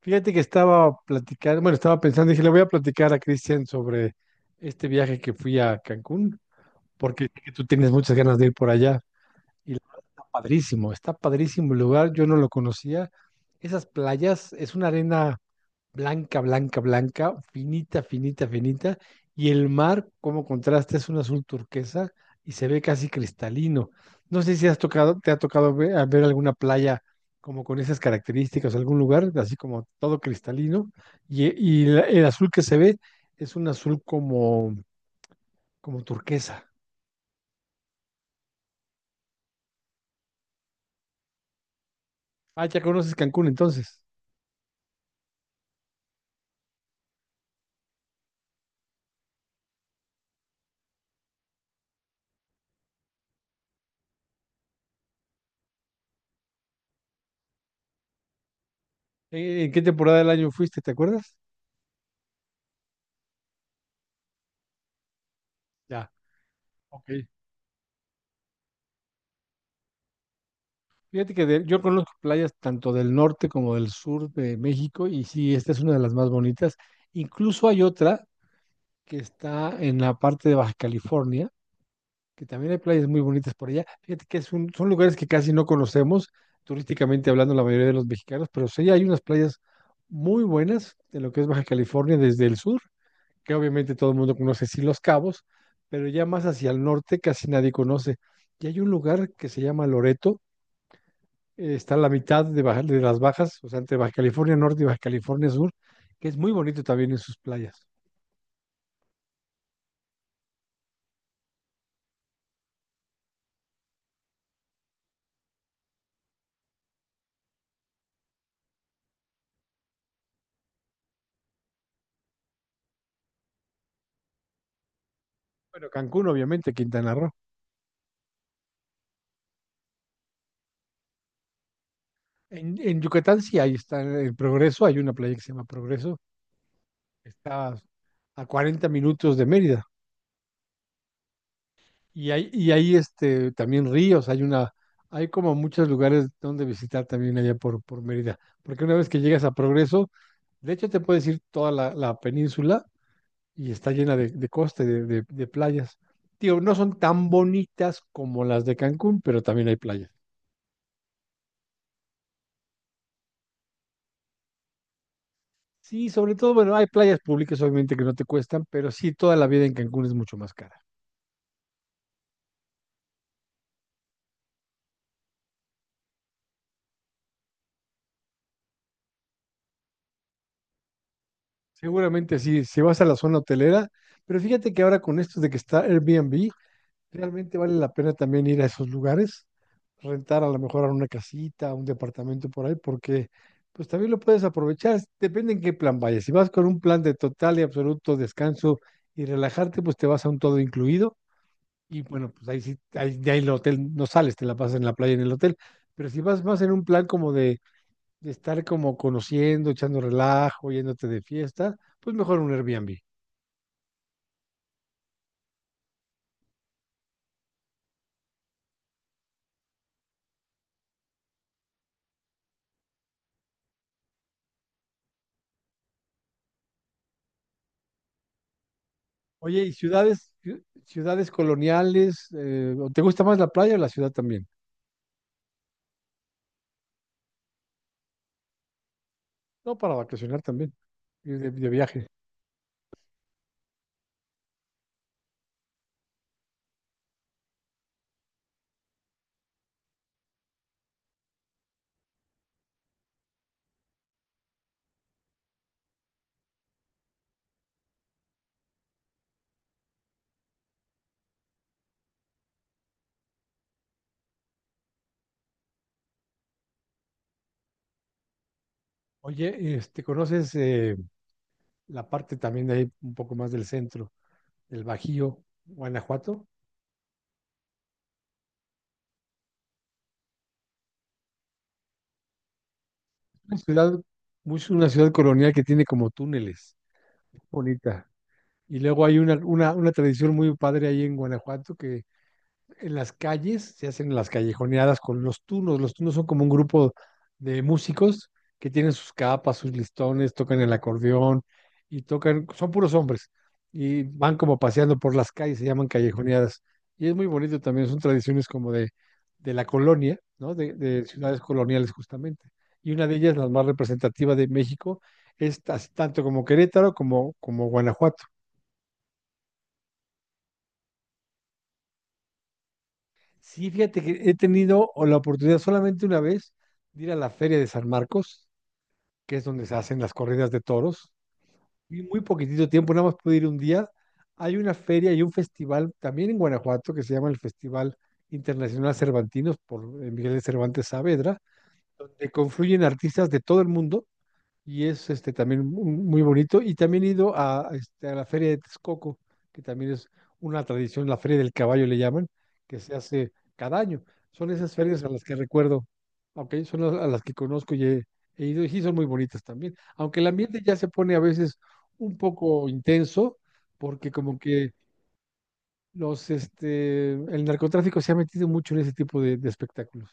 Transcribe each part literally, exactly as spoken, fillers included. Fíjate que estaba platicando, bueno, estaba pensando, dije, le voy a platicar a Cristian sobre este viaje que fui a Cancún, porque sé que tú tienes muchas ganas de ir por allá. Y la verdad está padrísimo, está padrísimo el lugar, yo no lo conocía. Esas playas, es una arena blanca, blanca, blanca, finita, finita, finita, y el mar, como contraste, es un azul turquesa y se ve casi cristalino. No sé si has tocado, te ha tocado ve- a ver, alguna playa como con esas características, algún lugar, así como todo cristalino, y, y la- el azul que se ve es un azul como, como turquesa. Ah, ya conoces Cancún entonces. Eh, ¿En qué temporada del año fuiste? ¿Te acuerdas? Ya, ok. Fíjate que de- yo conozco playas tanto del norte como del sur de México y sí, esta es una de las más bonitas. Incluso hay otra que está en la parte de Baja California, que también hay playas muy bonitas por allá. Fíjate que es un- Son lugares que casi no conocemos, turísticamente hablando la mayoría de los mexicanos, pero sí hay unas playas muy buenas en lo que es Baja California desde el sur, que obviamente todo el mundo conoce, sí Los Cabos, pero ya más hacia el norte casi nadie conoce. Y hay un lugar que se llama Loreto eh, está a la mitad de, Baja- de las bajas, o sea, entre Baja California Norte y Baja California Sur, que es muy bonito también en sus playas. Bueno, Cancún, obviamente, Quintana Roo. En, en Yucatán sí, ahí está el Progreso, hay una playa que se llama Progreso, está a cuarenta minutos de Mérida. Y hay, y hay este, también ríos, hay una, hay como muchos lugares donde visitar también allá por, por Mérida. Porque una vez que llegas a Progreso, de hecho te puedes ir toda la, la península y está llena de, de costa, y de, de- de playas. Tío no son tan bonitas como las de Cancún, pero también hay playas. Sí, sobre todo, bueno, hay playas públicas obviamente que no te cuestan, pero sí, toda la vida en Cancún es mucho más cara. Seguramente sí, si vas a la zona hotelera, pero fíjate que ahora con esto de que está Airbnb, realmente vale la pena también ir a esos lugares, rentar a lo mejor a una casita, un departamento por ahí, porque pues también lo puedes aprovechar, es- depende en qué plan vayas. Si vas con un plan de total y absoluto descanso y relajarte, pues te vas a un todo incluido y bueno, pues ahí sí, ahí, de ahí el hotel no sales, te la pasas en la playa en el hotel. Pero si vas más en un plan como de, de estar como conociendo, echando relajo, yéndote de fiesta, pues mejor un Airbnb. Oye, ¿y ciudades, ciu- ciudades coloniales? Eh, ¿o ¿te gusta más la playa o la ciudad también? No, para vacacionar también, ir de, de viaje. Oye, este, ¿conoces eh, la parte también de ahí, un poco más del centro, del Bajío, Guanajuato? Una ciudad, muy- una ciudad colonial que tiene como túneles, bonita. Y luego hay una, una, una tradición muy padre ahí en Guanajuato que en las calles, se hacen las callejoneadas con los tunos. Los tunos son como un grupo de músicos que tienen sus capas, sus listones, tocan el acordeón y tocan, son puros hombres y van como paseando por las calles, se llaman callejoneadas. Y es muy bonito también, son tradiciones como de, de la colonia, ¿no? De, de ciudades coloniales justamente. Y una de ellas, la más representativa de México, es tas- tanto como Querétaro como, como Guanajuato. Sí, fíjate que he tenido o la oportunidad solamente una vez de ir a la Feria de San Marcos, que es donde se hacen las corridas de toros, y muy poquitito tiempo, nada más pude ir un día. Hay una feria y un festival también en Guanajuato que se llama el Festival Internacional Cervantinos por eh, Miguel de Cervantes Saavedra, donde confluyen artistas de todo el mundo y es este también mu- muy bonito. Y también he ido a, este, a la Feria de Texcoco, que también es una tradición, la Feria del Caballo le llaman, que se hace cada año. Son esas ferias a las que recuerdo, ok, son las- a las que conozco y he, he ido, y sí son muy bonitas también. Aunque el ambiente ya se pone a veces un poco intenso, porque como que los, este, el narcotráfico se ha metido mucho en ese tipo de, de espectáculos.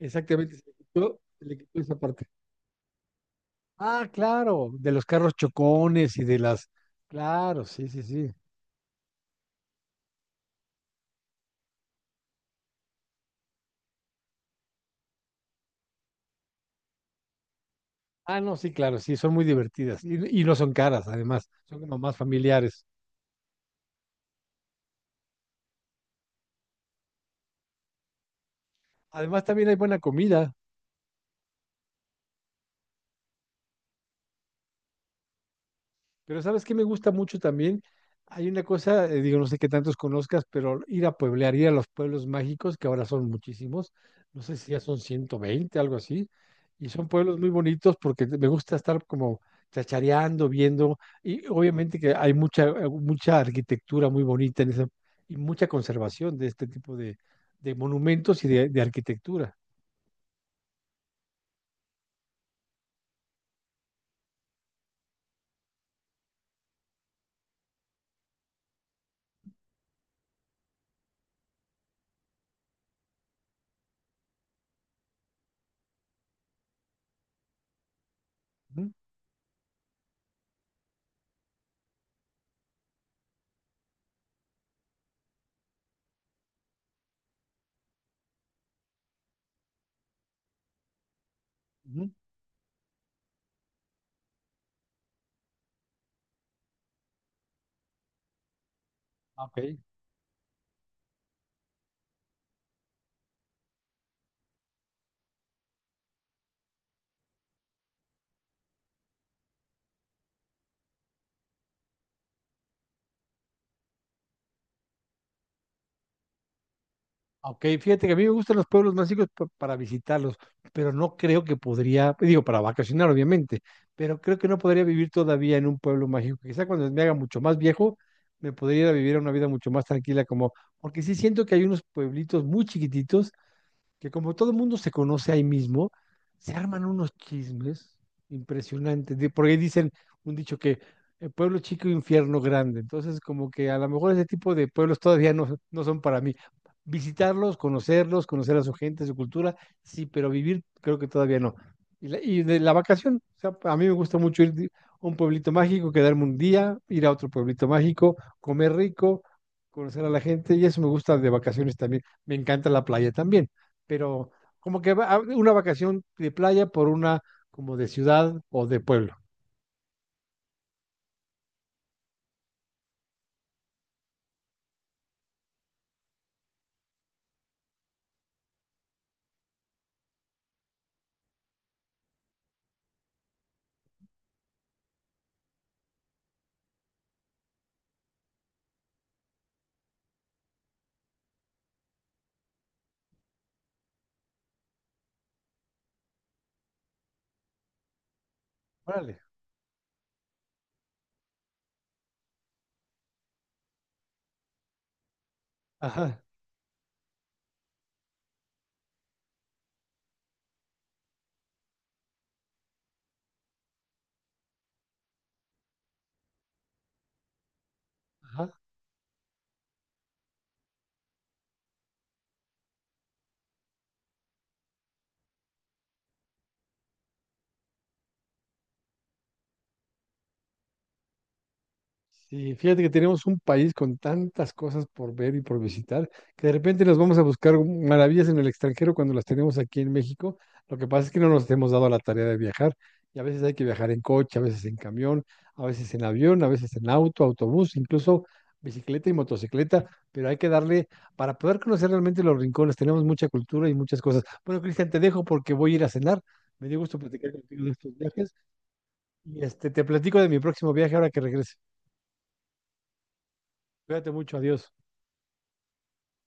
Exactamente, se le quitó, se le quitó esa parte. Ah, claro, de los carros chocones y de las... Claro, sí, sí, sí. Ah, no, sí, claro, sí, son muy divertidas y, y no son caras, además, son como más familiares. Además, también hay buena comida. Pero ¿sabes qué me gusta mucho también? Hay una cosa, eh, digo, no sé qué tantos conozcas, pero ir a pueblear, ir a los pueblos mágicos, que ahora son muchísimos, no sé si ya son ciento veinte, algo así, y son pueblos muy bonitos porque te- me gusta estar como chachareando, viendo, y obviamente que hay mucha, eh, mucha arquitectura muy bonita en esa, y mucha conservación de este tipo de, de monumentos y de, de arquitectura. Ujú, ujú. Ah, ok. Ok, fíjate que a mí me gustan los pueblos más chicos pa- para visitarlos, pero no creo que podría, digo, para vacacionar obviamente, pero creo que no podría vivir todavía en un pueblo mágico. Quizá cuando me haga mucho más viejo, me podría ir a vivir una vida mucho más tranquila, como, porque sí siento que hay unos pueblitos muy chiquititos que como todo el mundo se conoce ahí mismo, se arman unos chismes impresionantes, de- porque dicen un dicho que eh, pueblo chico, infierno grande. Entonces, como que a lo mejor ese tipo de pueblos todavía no, no son para mí. Visitarlos, conocerlos, conocer a su gente, su cultura, sí, pero vivir creo que todavía no. Y, la, y de la vacación, o sea, a mí me gusta mucho ir de- a un pueblito mágico, quedarme un día, ir a otro pueblito mágico, comer rico, conocer a la gente, y eso me gusta de vacaciones también. Me encanta la playa también pero como que va- una vacación de playa por una como de ciudad o de pueblo. Órale. Ajá, ajá. Sí, fíjate que tenemos un país con tantas cosas por ver y por visitar, que de repente nos vamos a buscar maravillas en el extranjero cuando las tenemos aquí en México. Lo que pasa es que no nos hemos dado a la tarea de viajar y a veces hay que viajar en coche, a veces en camión, a veces en avión, a veces en auto, autobús, incluso bicicleta y motocicleta, pero hay que darle para poder conocer realmente los rincones. Tenemos mucha cultura y muchas cosas. Bueno, Cristian, te dejo porque voy a ir a cenar. Me dio gusto platicar contigo de estos viajes y este, te platico de mi próximo viaje ahora que regrese. Cuídate mucho, adiós.